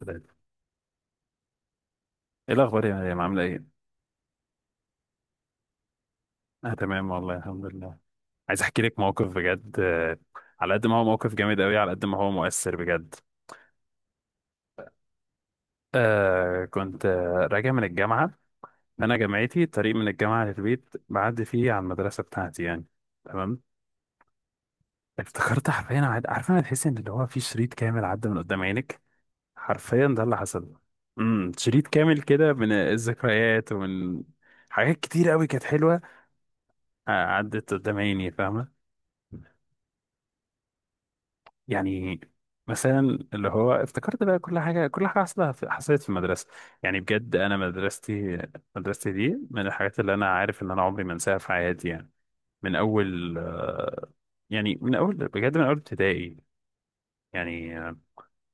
ثلاثة. ايه الأخبار يا مريم، عاملة ايه؟ أنا تمام والله الحمد لله. عايز أحكي لك موقف بجد، على قد ما هو موقف جامد أوي، على قد ما هو مؤثر بجد. كنت راجع من الجامعة. أنا جامعتي، الطريق من الجامعة للبيت بعدي فيه على المدرسة بتاعتي يعني. تمام. افتكرت حرفيا، عارفة، أنا تحس إن اللي هو في شريط كامل عدى من قدام عينك. حرفيا ده اللي حصل. شريط كامل كده من الذكريات، ومن حاجات كتير أوي كانت حلوة. عدت قدام عيني، فاهمة. يعني مثلا، اللي هو افتكرت بقى كل حاجه حصلت في المدرسه. يعني بجد، انا مدرستي دي من الحاجات اللي انا عارف ان انا عمري ما انساها في حياتي يعني. من اول يعني من اول بجد، من اول ابتدائي يعني.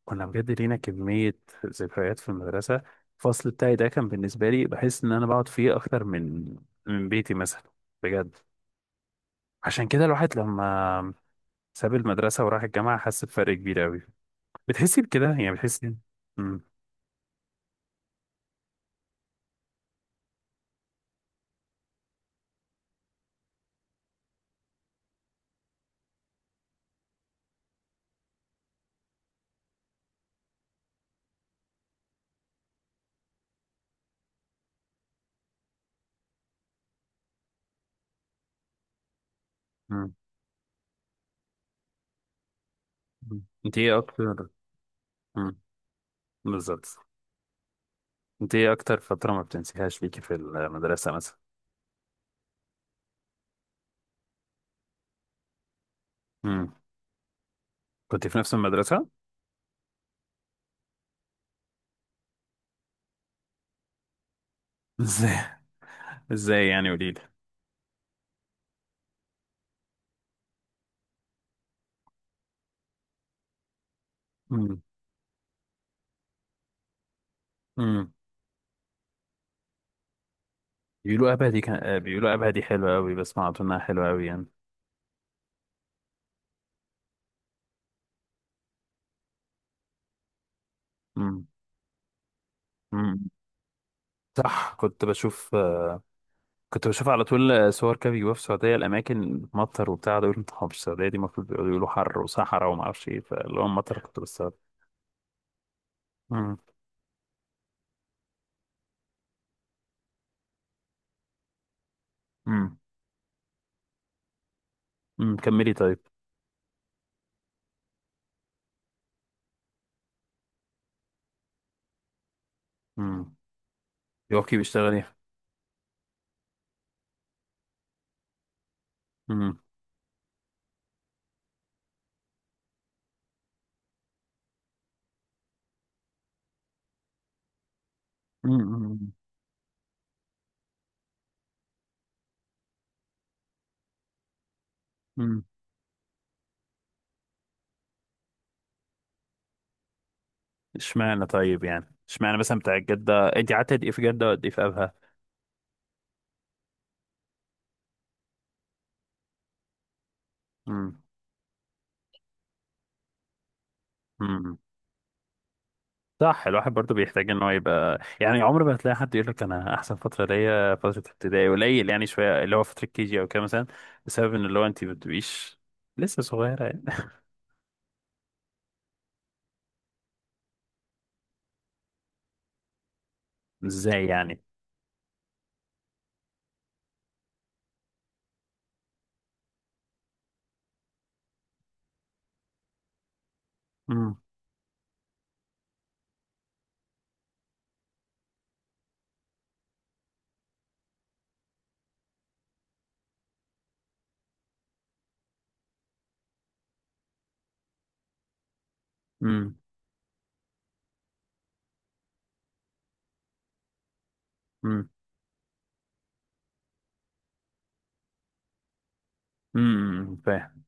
كنا بجد لينا كميه ذكريات في المدرسه. الفصل بتاعي ده كان بالنسبه لي بحس ان انا بقعد فيه اكتر من بيتي مثلا، بجد. عشان كده الواحد لما ساب المدرسه وراح الجامعه حس بفرق كبير قوي. بتحسي بكده يعني، بتحسي. مم. مم. مم. انت ايه اكتر. مم. بالظبط. انت ايه اكتر فترة ما بتنسيهاش فيكي في المدرسة مثلا؟ مم. كنت في نفس المدرسة. ازاي؟ ازاي يعني، قوليلي. مم. مم. بيقولوا ابها دي حلوة قوي، بسمع انها حلوة قوي يعني. مم. مم. صح، كنت بشوف كنت بشوف على طول، صور كده بيجيبوها في السعودية، الأماكن بتمطر وبتاع ده. يقولوا "طب في السعودية دي المفروض بيقولوا حر وصحراء وما أعرفش إيه"، فاللي هو مطر كنت بستغرب. مم. مم. كملي طيب. امم. يوكي بيشتغل ايه. امم. امم. امم. اشمعنى طيب؟ يعني اشمعنى مثلا بتاع جدة؟ انت قعدت قد ايه في جدة وقد ايه في ابها؟ امم. امم. صح، الواحد برضو بيحتاج ان هو يبقى يعني. عمر ما هتلاقي حد يقول لك انا احسن فتره ليا فتره ابتدائي، قليل يعني، شويه اللي هو فتره كي جي او كده مثلا. بسبب ان اللي هو انت ما بتبقيش لسه صغيره يعني. ازاي يعني. امم. امم. امم. امم. فاهم.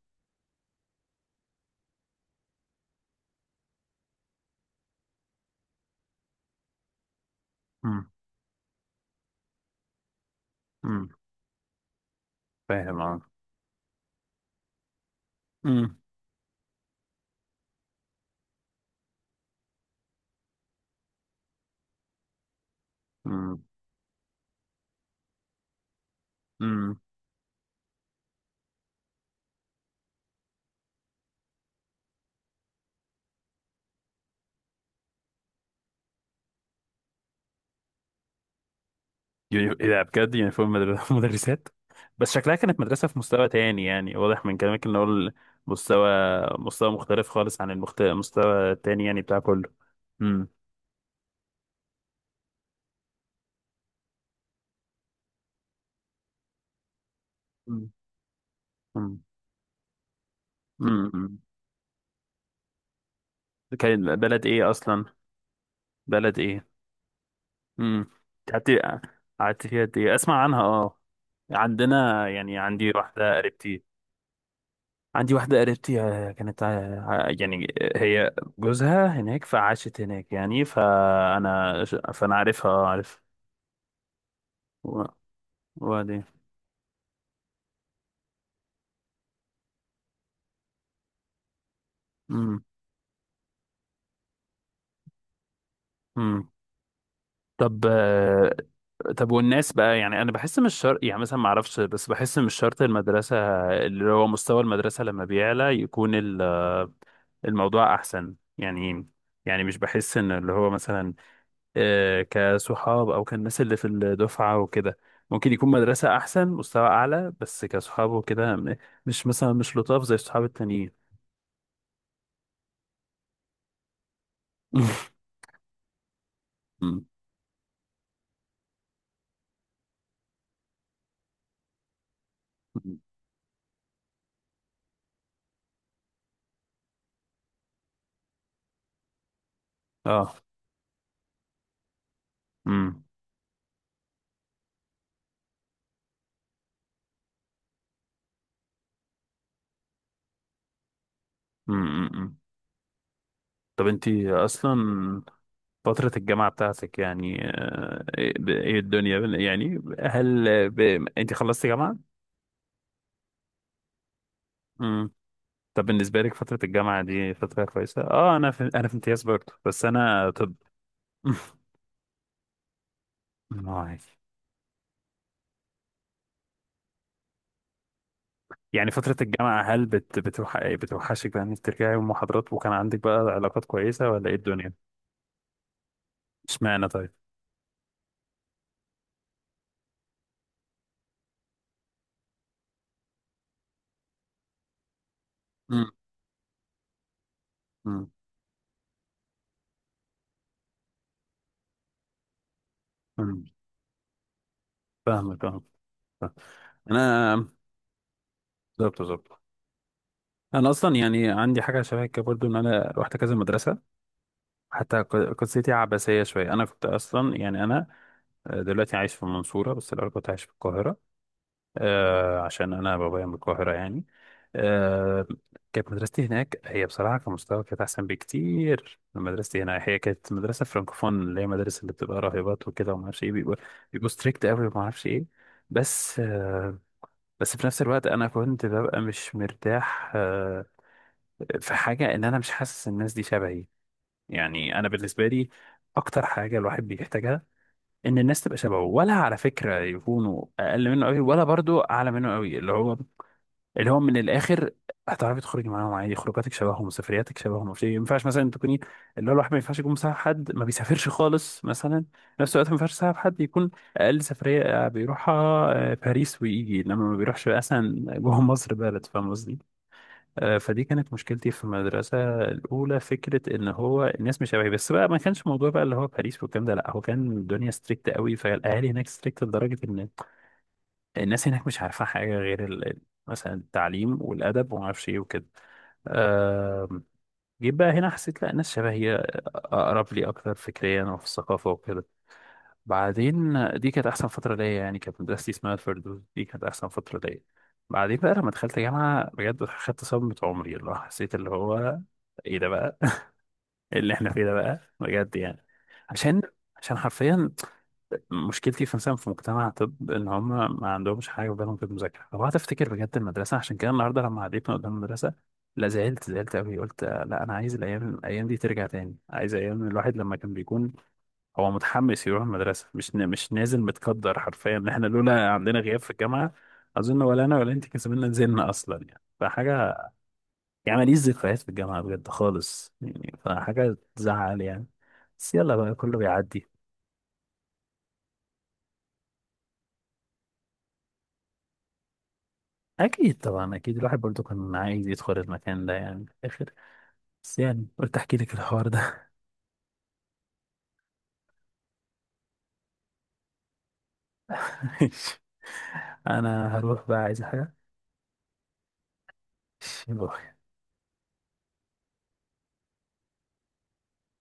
امم. امم. فاهم اه. امم. امم. ايه ده؟ بجد، يونيفورم مدرسات بس شكلها كانت مدرسة في مستوى تاني يعني، واضح من كلامك ان هو مستوى مستوى مختلف خالص عن المستوى التاني يعني بتاع كله. امم. مم. امم. امم. كان بلد ايه اصلا؟ بلد ايه؟ امم. قعدت قعدت فيها قد ايه؟ اسمع عنها اه. عندنا، يعني عندي واحدة قريبتي، كانت، يعني هي جوزها هناك فعاشت هناك يعني، فأنا فأنا عارفها، اه عارف. و- وبعدين. امم. امم. طب. طب والناس بقى يعني، أنا بحس مش شرط يعني مثلا، ما أعرفش، بس بحس مش شرط المدرسة، اللي هو مستوى المدرسة لما بيعلى يكون الموضوع أحسن يعني. يعني مش بحس إن اللي هو مثلا، كصحاب او كالناس اللي في الدفعه وكده، ممكن يكون مدرسه احسن، مستوى اعلى، بس كصحاب وكده، مش مثلا، مش لطاف زي الصحاب التانيين. مم. اه. مم. مم. مم. مم. طب انتي اصلا فترة الجامعة بتاعتك يعني، ايه، الدنيا يعني هل انتي خلصتي جامعة؟ مم. طب بالنسبة لك فترة الجامعة دي فترة كويسة؟ اه، انا في امتياز برضه، بس انا طب. عادي. يعني فترة الجامعة، هل بتوحشك بقى انك ترجعي المحاضرات، وكان عندك بقى علاقات كويسة ولا ايه الدنيا؟ اشمعنى طيب؟ مم. مم. مم. فاهمك اه. فاهم. انا، بالظبط بالظبط، انا اصلا يعني عندي حاجه شبه كده برضو، ان انا رحت كذا مدرسه. حتى قصتي عباسيه شويه. انا كنت اصلا يعني، انا دلوقتي عايش في المنصوره، بس الاول كنت عايش في القاهره. عشان انا بابايا من القاهره، يعني آه كانت مدرستي هناك، هي بصراحه كمستوى كانت احسن بكتير من مدرستي هنا. هي كانت مدرسه فرانكوفون، اللي هي مدارس اللي بتبقى راهبات وكده وما اعرفش ايه، بيبقوا ستريكت قوي وما اعرفش ايه. بس آه بس في نفس الوقت انا كنت ببقى مش مرتاح. في حاجه ان انا مش حاسس الناس دي شبهي. يعني انا بالنسبه لي اكتر حاجه الواحد بيحتاجها، ان الناس تبقى شبهه، ولا على فكره يكونوا اقل منه قوي ولا برضو اعلى منه قوي. اللي هو، من الاخر، هتعرفي تخرجي معاهم عادي، خروجاتك شبههم، سفرياتك شبههم. مش، ما ينفعش مثلا تكوني، اللي هو الواحد ما ينفعش يكون مصاحب حد ما بيسافرش خالص مثلا. في نفس الوقت ما ينفعش يصاحب حد يكون اقل سفريه بيروحها، باريس ويجي، انما ما بيروحش مثلا جوه مصر بلد، فاهم قصدي. فدي كانت مشكلتي في المدرسه الاولى، فكره ان هو الناس مش شبهي. بس بقى، ما كانش موضوع بقى اللي هو باريس والكلام ده. لا، هو كان الدنيا ستريكت قوي، فالاهالي هناك ستريكت لدرجه ان الناس هناك مش عارفة حاجة غير مثلا التعليم والأدب وما اعرفش إيه وكده آم، جيت بقى هنا، حسيت لا، الناس شبهي، أقرب لي أكتر فكريا وفي الثقافة وكده. بعدين دي كانت أحسن فترة ليا يعني، كانت مدرستي اسمها الفردوس، دي كانت أحسن فترة ليا. بعدين بقى لما دخلت جامعة بجد، خدت صدمة عمري، اللي هو حسيت اللي هو، إيه ده بقى؟ إيه اللي إحنا فيه ده بقى، بجد يعني؟ عشان عشان حرفيا مشكلتي في مثلا في مجتمع طب، ان هم ما عندهمش حاجه في بالهم في المذاكره. لو قعدت افتكر بجد المدرسه، عشان كده النهارده لما عديتنا قدام المدرسه، لا زعلت، زعلت قوي. قلت لا، انا عايز الايام دي ترجع تاني. عايز ايام الواحد لما كان بيكون هو متحمس يروح المدرسه، مش نازل. متقدر حرفيا ان احنا لولا عندنا غياب في الجامعه، اظن ولا انا ولا انت كان زماننا نزلنا اصلا يعني، فحاجه. يعني ماليش ذكريات في الجامعه بجد خالص يعني، فحاجه تزعل يعني. بس يلا بقى، كله بيعدي. اكيد طبعا، اكيد الواحد برضو كان عايز يدخل المكان ده يعني في الاخر. بس يعني، قلت احكي لك الحوار ده. انا هروح بقى، عايز حاجه.